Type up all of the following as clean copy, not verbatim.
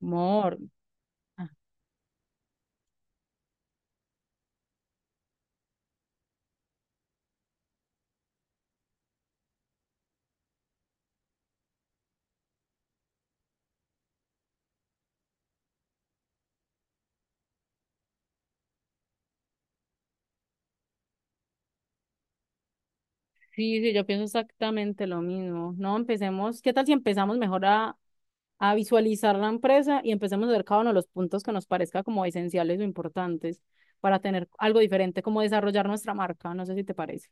Mor. Ah, sí, sí, yo pienso exactamente lo mismo. No, empecemos. ¿Qué tal si empezamos mejor a visualizar la empresa y empecemos a ver cada uno de los puntos que nos parezca como esenciales o importantes para tener algo diferente, como desarrollar nuestra marca? No sé si te parece.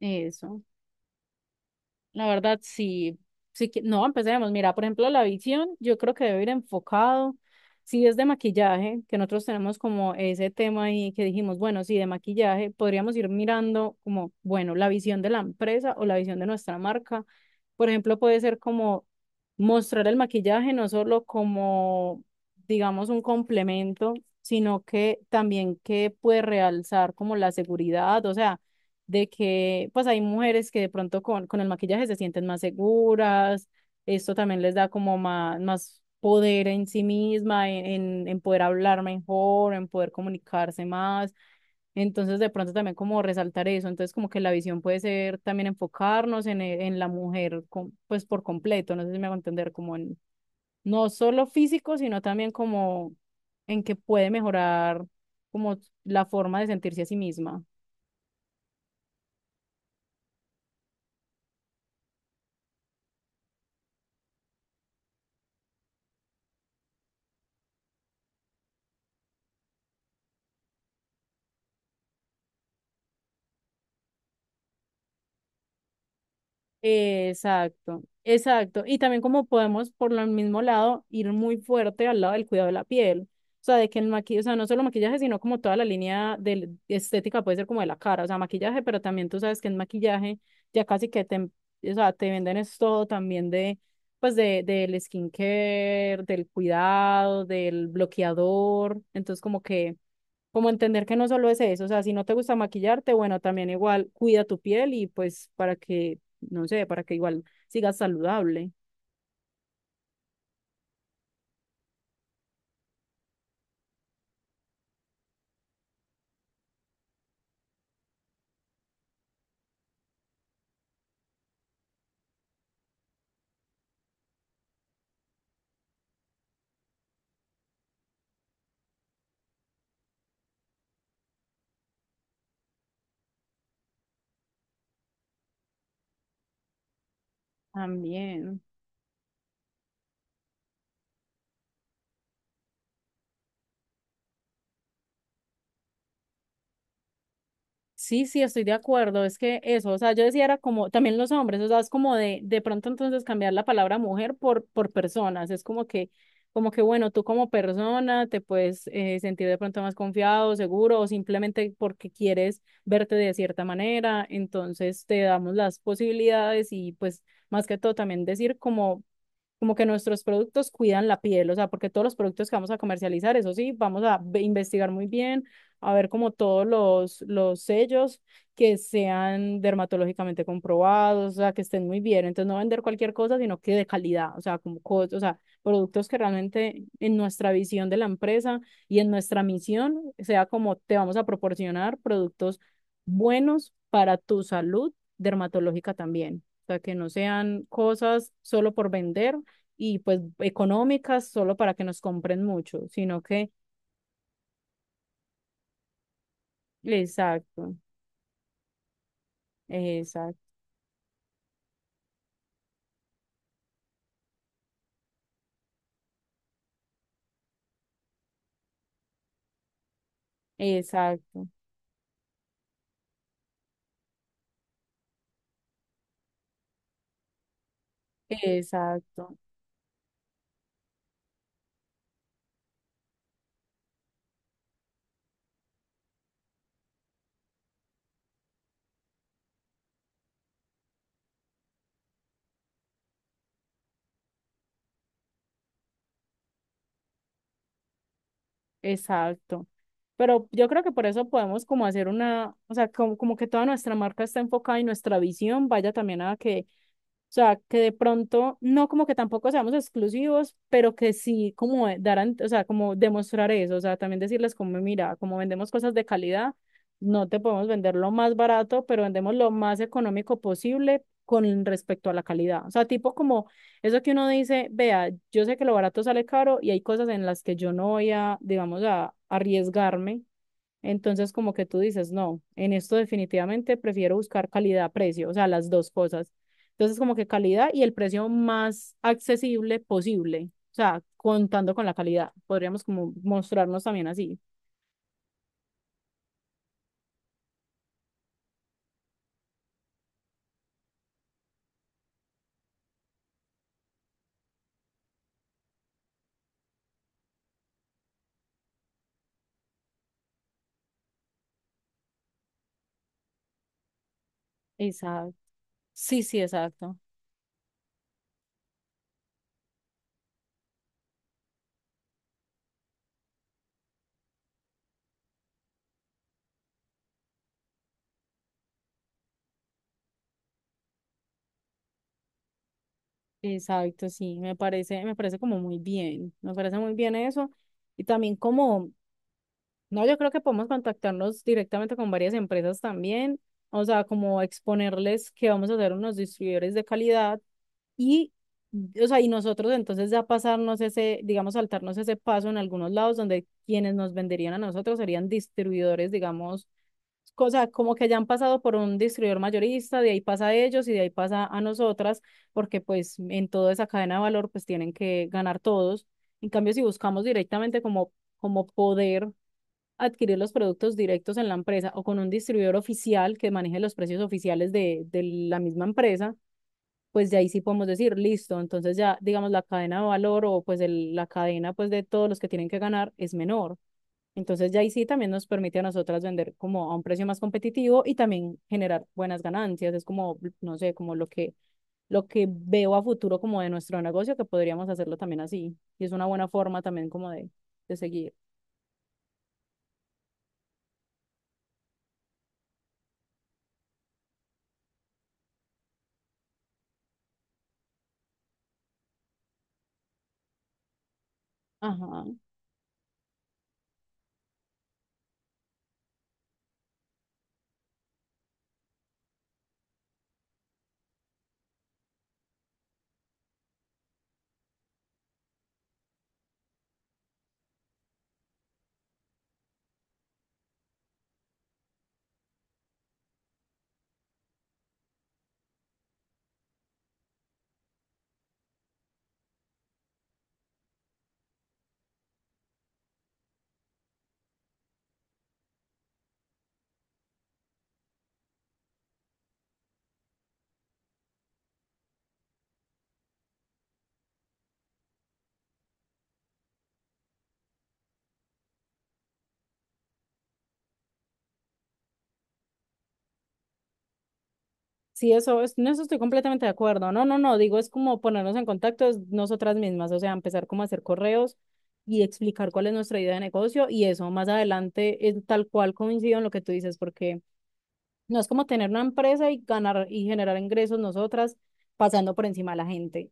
Eso. La verdad, sí, sí que, no, empecemos. Mira, por ejemplo, la visión, yo creo que debe ir enfocado. Si es de maquillaje, que nosotros tenemos como ese tema ahí que dijimos, bueno, sí, de maquillaje, podríamos ir mirando como, bueno, la visión de la empresa o la visión de nuestra marca. Por ejemplo, puede ser como mostrar el maquillaje no solo como, digamos, un complemento, sino que también que puede realzar como la seguridad, o sea de que pues hay mujeres que de pronto con el maquillaje se sienten más seguras, esto también les da como más, más poder en sí misma, en poder hablar mejor, en poder comunicarse más, entonces de pronto también como resaltar eso, entonces como que la visión puede ser también enfocarnos en, e- en la mujer com- pues por completo, no sé si me hago entender, como en no solo físico, sino también como en que puede mejorar como la forma de sentirse a sí misma. Exacto, exacto. Y también como podemos por el mismo lado ir muy fuerte al lado del cuidado de la piel. O sea, de que el maquillaje, o sea, no solo maquillaje, sino como toda la línea de estética puede ser como de la cara, o sea, maquillaje, pero también tú sabes que en maquillaje ya casi que te, o sea, te venden es todo también de, pues de, del skincare, del cuidado, del bloqueador. Entonces como que como entender que no solo es eso, o sea, si no te gusta maquillarte, bueno, también igual cuida tu piel y pues para que no sé, para que igual sigas saludable también. Sí, sí, estoy de acuerdo. Es que eso, o sea, yo decía era como también los hombres, o sea, es como de pronto entonces cambiar la palabra mujer por personas, es como que bueno, tú como persona te puedes sentir de pronto más confiado, seguro o simplemente porque quieres verte de cierta manera, entonces te damos las posibilidades y pues más que todo también decir como como que nuestros productos cuidan la piel, o sea, porque todos los productos que vamos a comercializar, eso sí, vamos a investigar muy bien, a ver como todos los sellos que sean dermatológicamente comprobados, o sea, que estén muy bien, entonces no vender cualquier cosa, sino que de calidad, o sea, como cos- o sea, productos que realmente en nuestra visión de la empresa y en nuestra misión sea como te vamos a proporcionar productos buenos para tu salud dermatológica también. O sea, que no sean cosas solo por vender, y pues económicas solo para que nos compren mucho, sino que, exacto, exacto, exacto, exacto. Exacto. Pero yo creo que por eso podemos como hacer una, o sea, como, como que toda nuestra marca está enfocada y nuestra visión vaya también a que, o sea, que de pronto, no como que tampoco seamos exclusivos, pero que sí como darán, o sea, como demostrar eso, o sea, también decirles como, mira, como vendemos cosas de calidad, no te podemos vender lo más barato, pero vendemos lo más económico posible con respecto a la calidad. O sea, tipo como eso que uno dice, vea, yo sé que lo barato sale caro y hay cosas en las que yo no voy a, digamos, a arriesgarme. Entonces, como que tú dices, no, en esto definitivamente prefiero buscar calidad-precio, o sea, las dos cosas. Entonces, como que calidad y el precio más accesible posible, o sea, contando con la calidad. Podríamos como mostrarnos también así. Exacto. Sí, sí, exacto. Exacto, sí, me parece como muy bien, me parece muy bien eso. Y también como no, yo creo que podemos contactarnos directamente con varias empresas también, o sea, como exponerles que vamos a ser unos distribuidores de calidad y, o sea, y nosotros entonces ya pasarnos ese, digamos, saltarnos ese paso en algunos lados donde quienes nos venderían a nosotros serían distribuidores, digamos, cosa como que ya han pasado por un distribuidor mayorista, de ahí pasa a ellos y de ahí pasa a nosotras, porque pues en toda esa cadena de valor pues tienen que ganar todos. En cambio, si buscamos directamente como, como poder adquirir los productos directos en la empresa o con un distribuidor oficial que maneje los precios oficiales de la misma empresa, pues de ahí sí podemos decir, listo, entonces ya digamos la cadena de valor o pues el- la cadena pues de todos los que tienen que ganar es menor. Entonces ya ahí sí también nos permite a nosotras vender como a un precio más competitivo y también generar buenas ganancias. Es como, no sé, como lo que veo a futuro como de nuestro negocio, que podríamos hacerlo también así. Y es una buena forma también como de seguir. Ajá. Sí, eso, es- en eso estoy completamente de acuerdo. No, no, no, digo, es como ponernos en contacto es nosotras mismas, o sea, empezar como a hacer correos y explicar cuál es nuestra idea de negocio y eso más adelante es tal cual coincido en lo que tú dices, porque no es como tener una empresa y ganar y generar ingresos nosotras pasando por encima de la gente.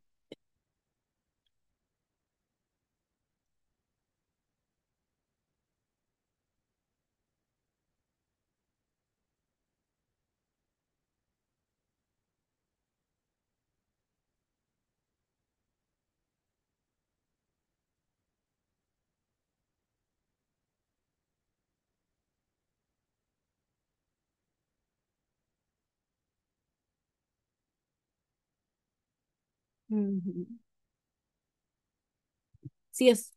Ujú. Sí, es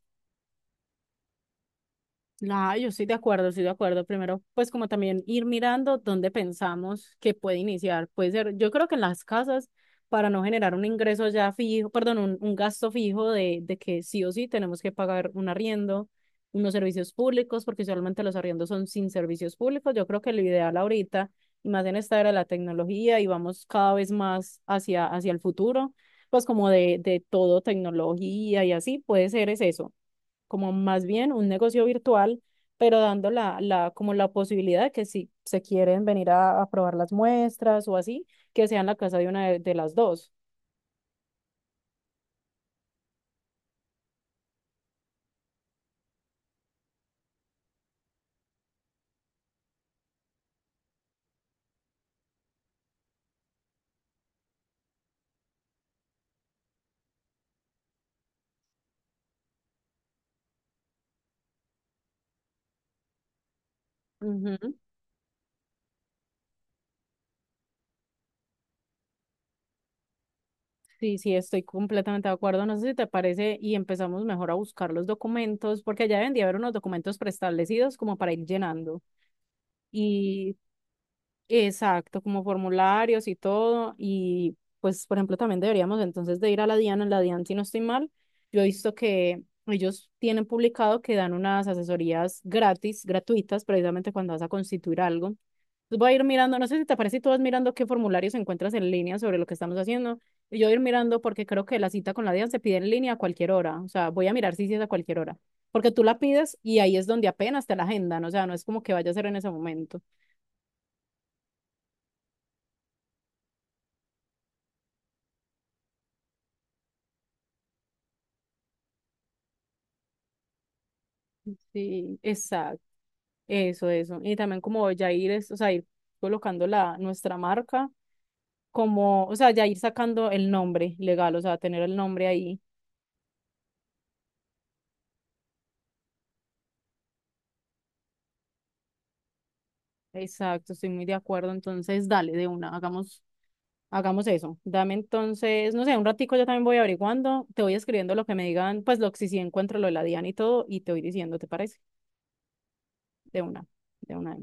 la, yo estoy de acuerdo, estoy de acuerdo. Primero, pues como también ir mirando dónde pensamos que puede iniciar. Puede ser, yo creo que en las casas, para no generar un ingreso ya fijo, perdón, un gasto fijo de que sí o sí tenemos que pagar un arriendo, unos servicios públicos, porque usualmente los arriendos son sin servicios públicos. Yo creo que lo ideal ahorita, y más en esta era de la tecnología, y vamos cada vez más hacia, hacia el futuro, pues como de todo tecnología y así, puede ser es eso como más bien un negocio virtual, pero dando la, como la posibilidad de que si se quieren venir a probar las muestras o así, que sea en la casa de una de las dos. Ujú. Sí, sí, estoy completamente de acuerdo. No sé si te parece y empezamos mejor a buscar los documentos, porque ya deben de haber unos documentos preestablecidos como para ir llenando. Y exacto, como formularios y todo. Y pues, por ejemplo, también deberíamos entonces de ir a la DIAN. En la DIAN, si no estoy mal, yo he visto que ellos tienen publicado que dan unas asesorías gratis, gratuitas, precisamente cuando vas a constituir algo. Entonces voy a ir mirando, no sé si te parece, si tú vas mirando qué formularios encuentras en línea sobre lo que estamos haciendo. Y yo voy a ir mirando porque creo que la cita con la DIAN se pide en línea a cualquier hora. O sea, voy a mirar si sí es a cualquier hora. Porque tú la pides y ahí es donde apenas te la agendan. O sea, no es como que vaya a ser en ese momento. Sí, exacto. Eso, eso. Y también como ya ir, es, o sea, ir colocando la, nuestra marca, como, o sea, ya ir sacando el nombre legal, o sea, tener el nombre ahí. Exacto, estoy muy de acuerdo. Entonces, dale, de una, hagamos, hagamos eso. Dame entonces, no sé, un ratico yo también voy averiguando, te voy escribiendo lo que me digan, pues lo que si sí encuentro lo de la DIAN y todo, y te voy diciendo, ¿te parece? De una, de una.